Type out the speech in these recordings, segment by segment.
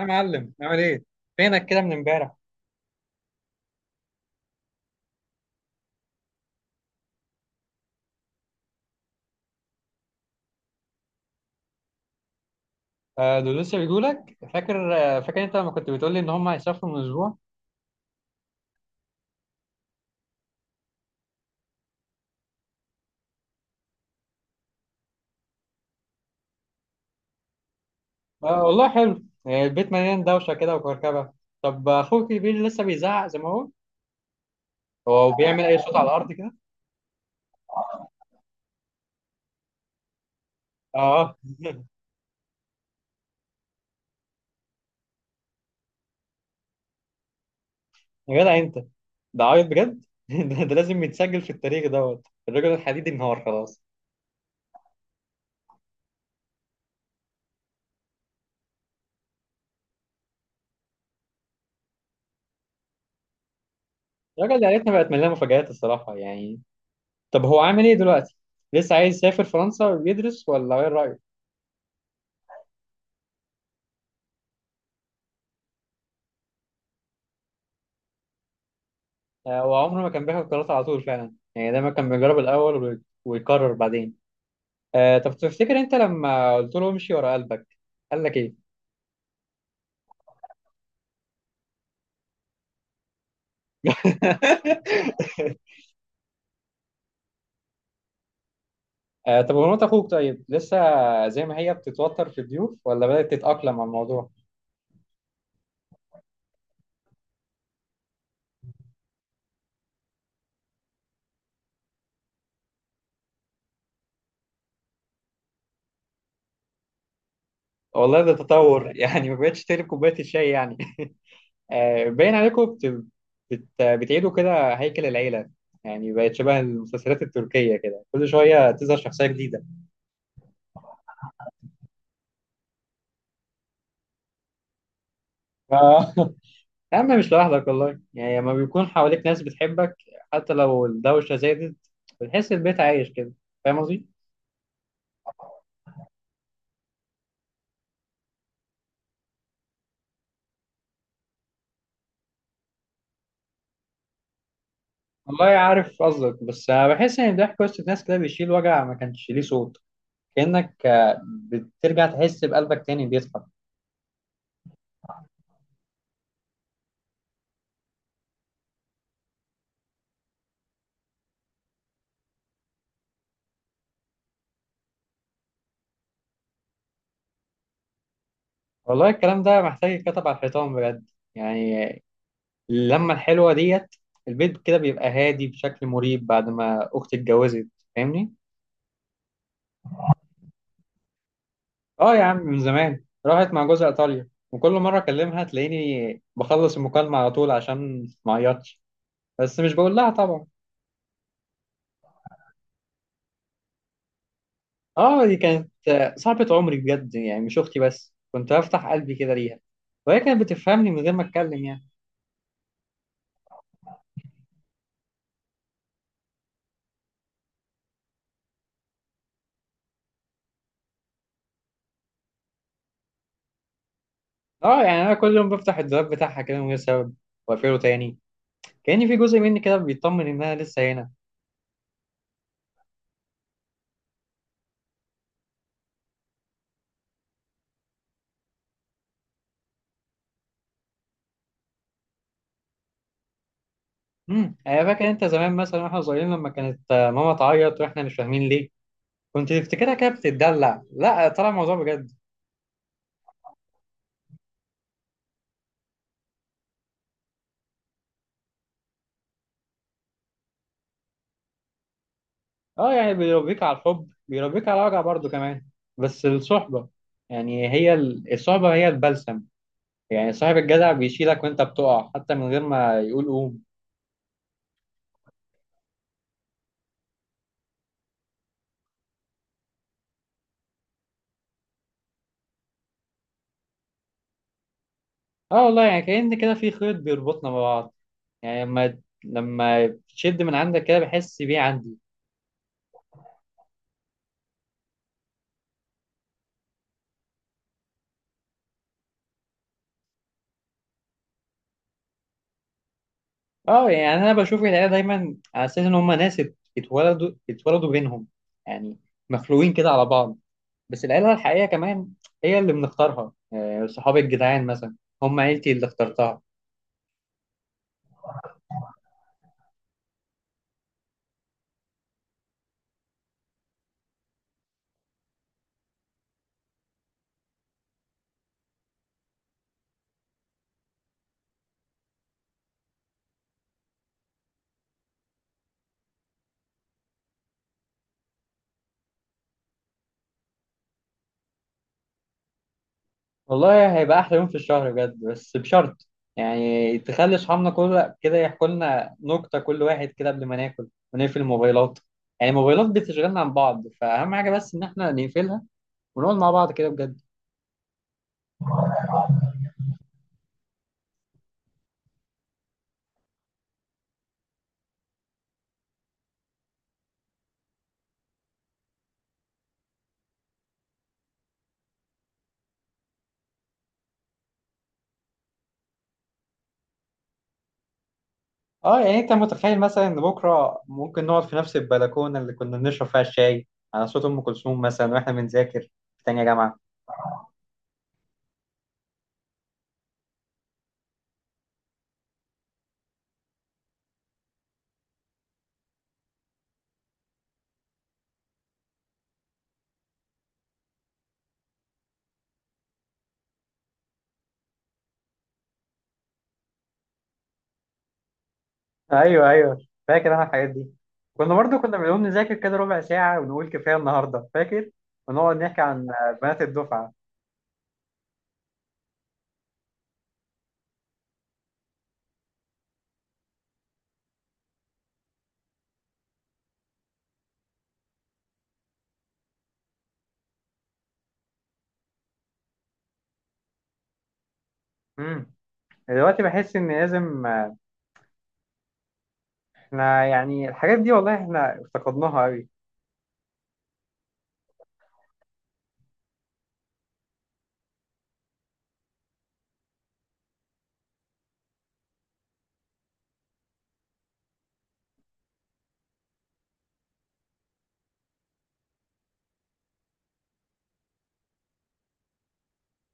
يا معلم، عامل ايه؟ فينك كده من امبارح؟ آه، دول لسه بيجوا لك؟ فاكر انت لما كنت بتقول لي ان هم هيسافروا من اسبوع؟ آه والله، حلو. البيت مليان دوشه كده وكركبه. طب اخوك الكبير لسه بيزعق زي ما هو؟ هو بيعمل اي صوت على الارض كده؟ اه، يا جدع انت، ده عيط بجد؟ ده لازم يتسجل في التاريخ. دوت الراجل الحديدي، انهار خلاص. عيلتنا بقت مليانه مفاجآت الصراحه يعني. طب هو عامل ايه دلوقتي؟ لسه عايز يسافر فرنسا ويدرس، ولا ايه رأيك؟ آه، وعمره ما كان بياخد قرارات على طول فعلا، يعني دايما كان بيجرب الأول ويقرر بعدين. آه، طب تفتكر أنت لما قلت له امشي ورا قلبك، قال لك إيه؟ آه، طب ومرات أخوك، طيب لسه زي ما هي بتتوتر في الضيوف، ولا بدأت تتأقلم على الموضوع؟ والله ده تطور. يعني ما بقتش تقلب كوباية الشاي يعني. آه، باين عليكم بتعيدوا كده هيكل العيلة. يعني بقت شبه المسلسلات التركية، كده كل شوية تظهر شخصية جديدة. آه. يا عم، مش لوحدك والله. يعني لما بيكون حواليك ناس بتحبك، حتى لو الدوشة زادت، بتحس البيت عايش كده. فاهم قصدي؟ والله عارف قصدك، بس أنا بحس إن ضحك وسط ناس كده بيشيل وجع ما كانش ليه صوت. كأنك، بترجع تحس بقلبك تاني بيضحك. والله الكلام ده محتاج يتكتب على الحيطان بجد يعني. اللمة الحلوة ديت، البيت كده بيبقى هادي بشكل مريب بعد ما أختي اتجوزت. فاهمني؟ اه يا عم، من زمان راحت مع جوزها ايطاليا، وكل مره اكلمها تلاقيني بخلص المكالمه على طول عشان ما اعيطش. بس مش بقول لها طبعا. اه، دي كانت صاحبه عمري بجد، يعني مش اختي بس، كنت بفتح قلبي كده ليها، وهي كانت بتفهمني من غير ما اتكلم يعني. اه يعني انا كل يوم بفتح الدولاب بتاعها كده من غير سبب، واقفله تاني، كاني في جزء مني كده بيطمن انها لسه هنا. انا فاكر انت زمان مثلا، واحنا صغيرين، لما كانت، ماما تعيط واحنا مش فاهمين ليه، كنت تفتكرها كده بتتدلع. لا، طلع الموضوع بجد. اه يعني بيربيك على الحب، بيربيك على وجع برضه كمان. بس الصحبة، يعني هي الصحبة هي البلسم. يعني صاحب الجدع بيشيلك وانت بتقع، حتى من غير ما يقول قوم. اه والله، يعني كأن كده في خيط بيربطنا ببعض. يعني لما تشد من عندك كده، بحس بيه عندي. اه يعني انا بشوف العيلة دايما على اساس ان هم ناس اتولدوا بينهم، يعني مخلوقين كده على بعض. بس العيلة الحقيقية كمان، هي اللي بنختارها، يعني صحاب الجدعان مثلا، هم عيلتي اللي اخترتها. والله هيبقى احلى يوم في الشهر بجد، بس بشرط، يعني تخلي اصحابنا كل كده يحكوا لنا نكته، كل واحد كده قبل ما ناكل، ونقفل الموبايلات. يعني الموبايلات بتشغلنا عن بعض، فاهم حاجه؟ بس ان احنا نقفلها ونقعد مع بعض كده بجد. اه يعني انت متخيل مثلا ان بكره ممكن نقعد في نفس البلكونه اللي كنا بنشرب فيها الشاي، على صوت ام كلثوم مثلا، واحنا بنذاكر في تانية جامعه. ايوه، ايوه، فاكر انا الحاجات دي. كنا برضو كنا بنقوم نذاكر كده ربع ساعه ونقول كفايه النهارده، فاكر؟ ونقعد نحكي عن بنات الدفعه. امم دلوقتي بحس ان لازم، احنا يعني الحاجات دي والله، احنا افتقدناها قوي.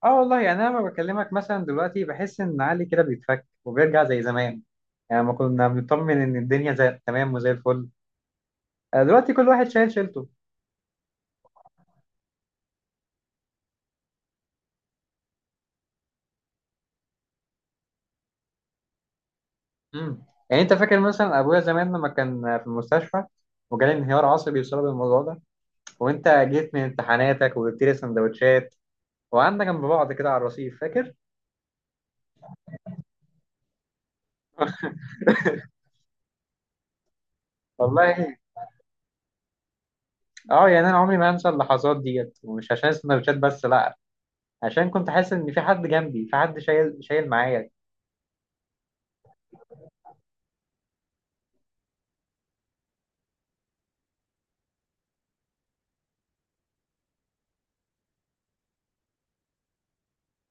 اه والله، يعني انا لما بكلمك مثلا دلوقتي، بحس ان علي كده بيتفك وبيرجع زي زمان. يعني ما كنا بنطمن ان الدنيا زي تمام وزي الفل. آه، دلوقتي كل واحد شايل شيلته. يعني انت فاكر مثلا ابويا زمان لما كان في المستشفى، وجالي انهيار عصبي بسبب الموضوع ده، وانت جيت من امتحاناتك وجبت لي سندوتشات، وقعدنا جنب بعض كده على الرصيف، فاكر؟ والله اه، يعني انا عمري ما هنسى اللحظات ديت، ومش عشان السندوتشات بس، لا، عشان كنت حاسس ان في حد جنبي، في حد شايل شايل معايا.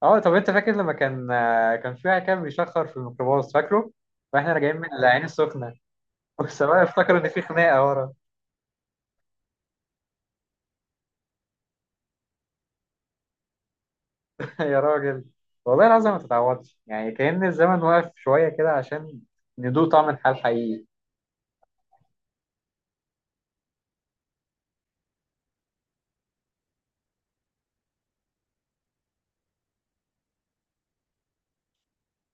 اه طب انت فاكر لما كان في واحد كان بيشخر في الميكروباص، فاكره؟ واحنا راجعين من العين السخنه. والسواق افتكر ان في خناقه ورا. يا راجل، والله العظيم ما تتعوضش. يعني كأن الزمن واقف شويه كده عشان ندوق طعم الحال حقيقي.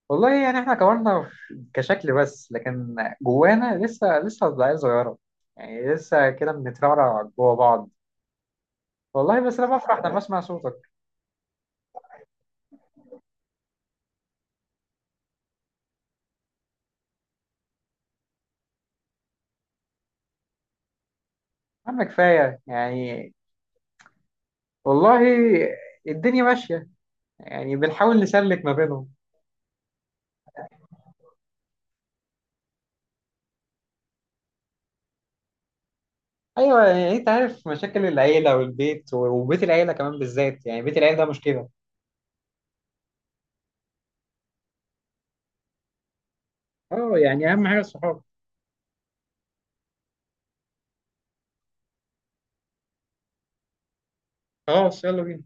والله يعني احنا كبرنا كشكل بس، لكن جوانا لسه عيال صغيره، يعني لسه كده بنترعرع جوا بعض. والله بس انا بفرح لما اسمع صوتك. يا عم كفايه يعني، والله الدنيا ماشية، يعني بنحاول نسلك ما بينهم. أيوة، يعني أنت عارف مشاكل العيلة والبيت، وبيت العيلة كمان بالذات، يعني بيت العيلة ده مشكلة. أه، يعني أهم حاجة الصحاب. خلاص يلا بينا.